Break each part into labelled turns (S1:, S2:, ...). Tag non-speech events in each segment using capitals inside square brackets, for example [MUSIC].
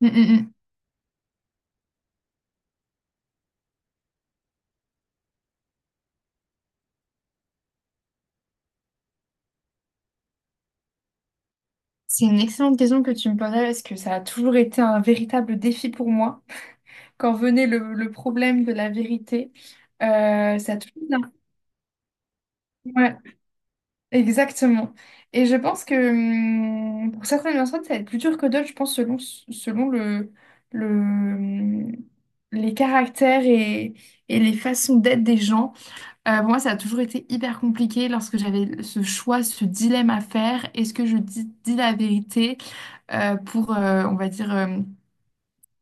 S1: Mm, mm, mm. C'est une excellente question que tu me posais parce que ça a toujours été un véritable défi pour moi. Quand venait le problème de la vérité, ça a toujours été ouais, exactement. Et je pense que pour certaines personnes, ça va être plus dur que d'autres, je pense, selon le, hum, les caractères et les façons d'être des gens. Pour moi, ça a toujours été hyper compliqué lorsque j'avais ce choix, ce dilemme à faire. Est-ce que je dis la vérité on va dire, euh,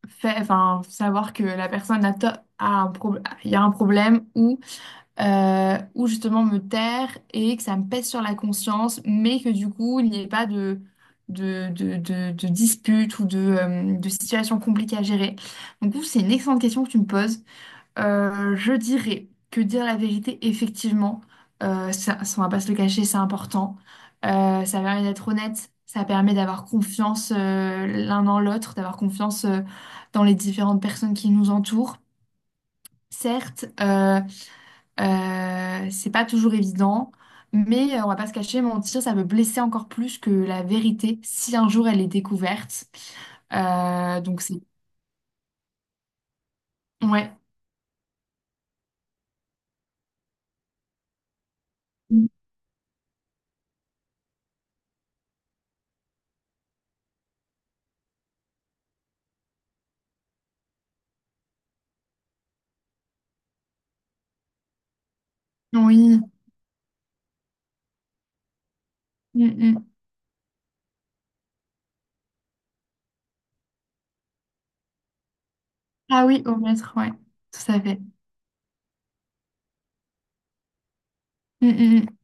S1: fait- enfin, savoir que la personne a un problème, il y a un problème, ou justement me taire et que ça me pèse sur la conscience, mais que du coup, il n'y ait pas de dispute ou de situation compliquée à gérer. Donc, du coup, c'est une excellente question que tu me poses. Je dirais que dire la vérité, effectivement, ça, on va pas se le cacher, c'est important. Ça permet d'être honnête, ça permet d'avoir confiance l'un dans l'autre, d'avoir confiance dans les différentes personnes qui nous entourent. Certes, c'est pas toujours évident, mais on va pas se cacher, mentir, ça peut blesser encore plus que la vérité si un jour elle est découverte. Donc c'est... Ouais. Oui. Mm, mm, mm. Ah oui, au maître, ouais, tout à fait. Mm, mm,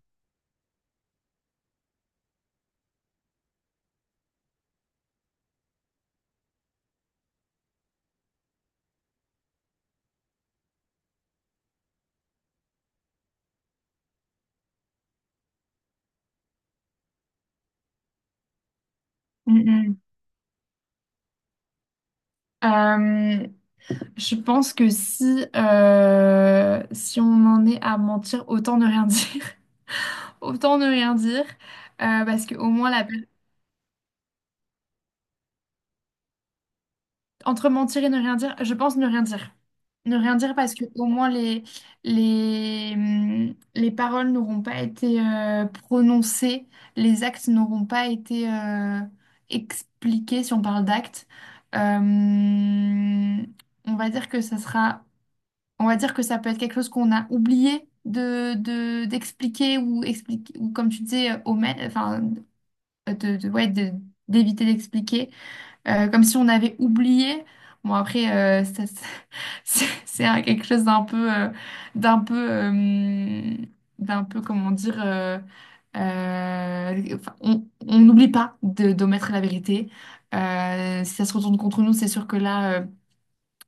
S1: mm, mm. Euh, je pense que si on en est à mentir, autant ne rien dire. [LAUGHS] Autant ne rien dire, parce qu'au moins la personne. Entre mentir et ne rien dire, je pense ne rien dire. Ne rien dire parce que au moins les paroles n'auront pas été prononcées, les actes n'auront pas été expliqués si on parle d'actes. Euh, on va dire que ça sera, on va dire que ça peut être quelque chose qu'on a oublié d'expliquer ou expliquer ou comme tu disais, omettre, enfin ouais, d'éviter d'expliquer comme si on avait oublié. Bon, après, euh, ça- ça- [LAUGHS] quelque chose d'un peu, d'un peu, euh, d'un peu, comment dire, enfin, on n'oublie pas d'omettre la vérité. Si ça se retourne contre nous, c'est sûr que là,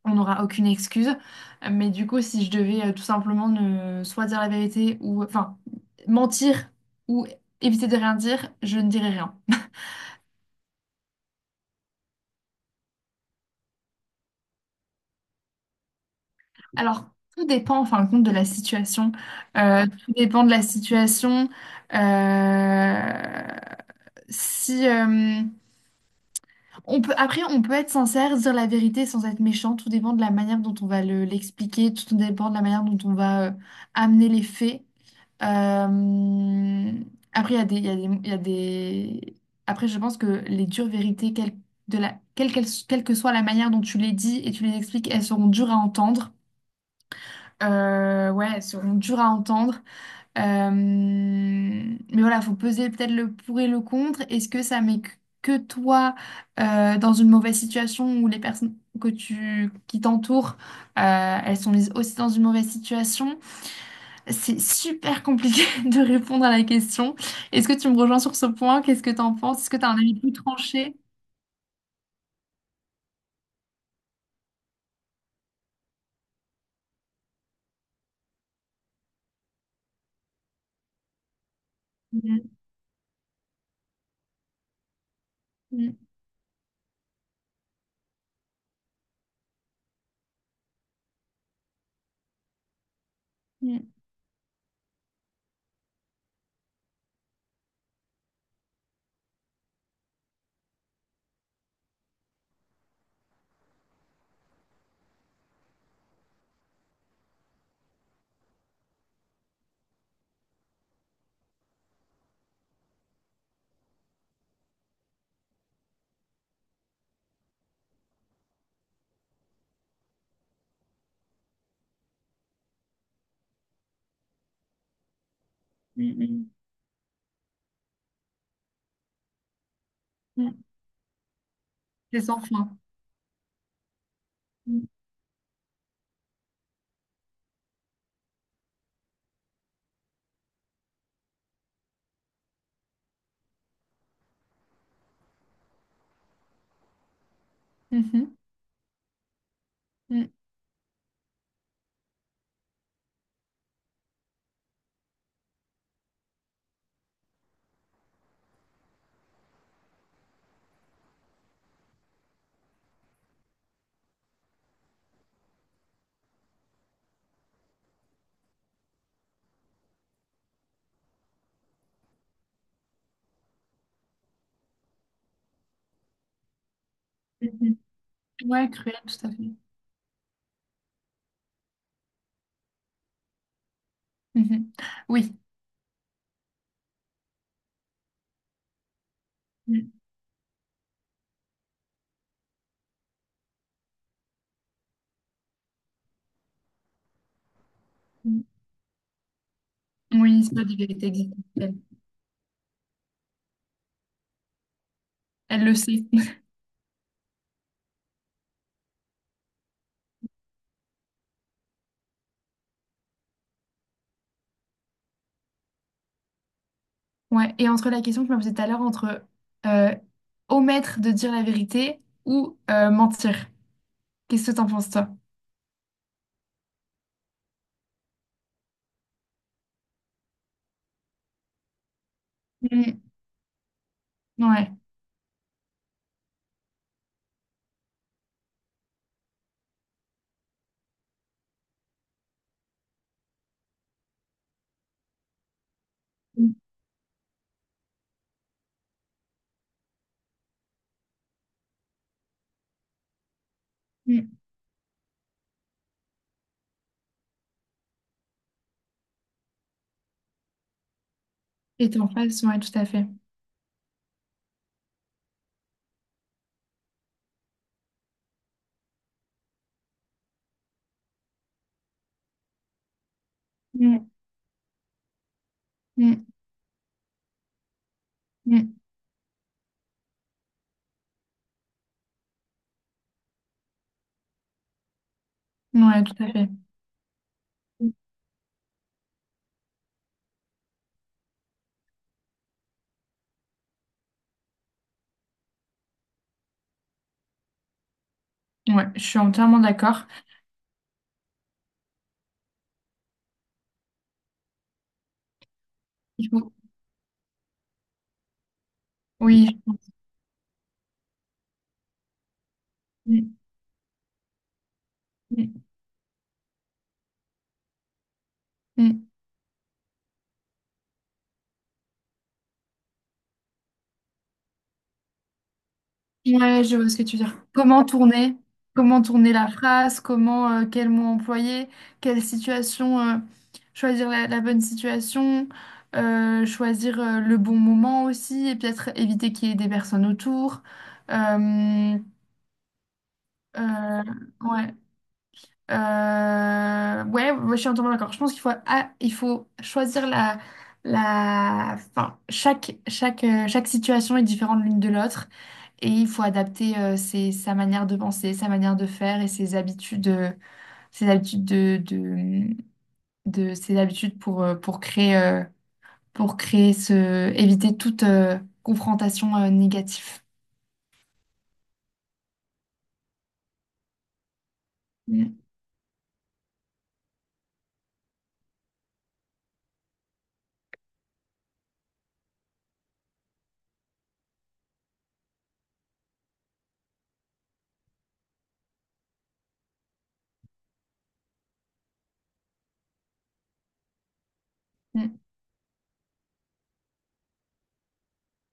S1: on n'aura aucune excuse. Mais du coup, si je devais tout simplement ne soit dire la vérité ou enfin mentir ou éviter de rien dire, je ne dirais rien. Alors, tout dépend en fin de compte de la situation. Ouais, tout dépend de la situation. Euh, si On peut, après, on peut être sincère, dire la vérité sans être méchant. Tout dépend de la manière dont on va l'expliquer. Tout dépend de la manière dont on va amener les faits. Euh, Après, il y a des, il y a des, il y a des- après, je pense que les dures vérités, quelle, de la, quelle, quelle quelle que soit la manière dont tu les dis et tu les expliques, elles seront dures à entendre. Ouais, elles seront dures à entendre. Mais voilà, faut peser peut-être le pour et le contre. Est-ce que ça met que toi dans une mauvaise situation où les personnes qui t'entourent, elles sont mises aussi dans une mauvaise situation? C'est super compliqué [LAUGHS] de répondre à la question. Est-ce que tu me rejoins sur ce point? Qu'est-ce que tu en penses? Est-ce que tu as un avis plus tranché? Mm, mm, mm, mm, mm, mm. C'est sans fin. Mm, mhm, mm, mhm. Ouais, cruel, tout à fait. Mhm. Oui. Mhm. Oui, c'est pas du vérité existentielle. Elle le sait. [LAUGHS] Ouais. Et entre la question que je me posais tout à l'heure, entre euh, omettre de dire la vérité ou mentir. Qu'est-ce que t'en penses, toi? Mhm. Ouais. Mhm. Mhm. Et t'es en face, ouais, tout à fait. Mhm. Mhm. Mhm. Ouais, tout à fait. Ouais, je suis entièrement d'accord. Il faut... Oui, je pense. Mm, mm, mm. Ouais, je vois ce que tu veux dire. Comment tourner? Comment tourner la phrase? Comment, quel mot employer? Quelle situation, choisir la bonne situation, choisir, le bon moment aussi, et peut-être éviter qu'il y ait des personnes autour. Euh, euh, ouais. Ouais, ouais, je suis entièrement d'accord. Je pense qu'il faut, ah, il faut choisir enfin, chaque situation est différente l'une de l'autre et il faut adapter sa manière de penser, sa manière de faire et ses habitudes, ses habitudes ses habitudes pour créer éviter toute confrontation négative. Mm, mm.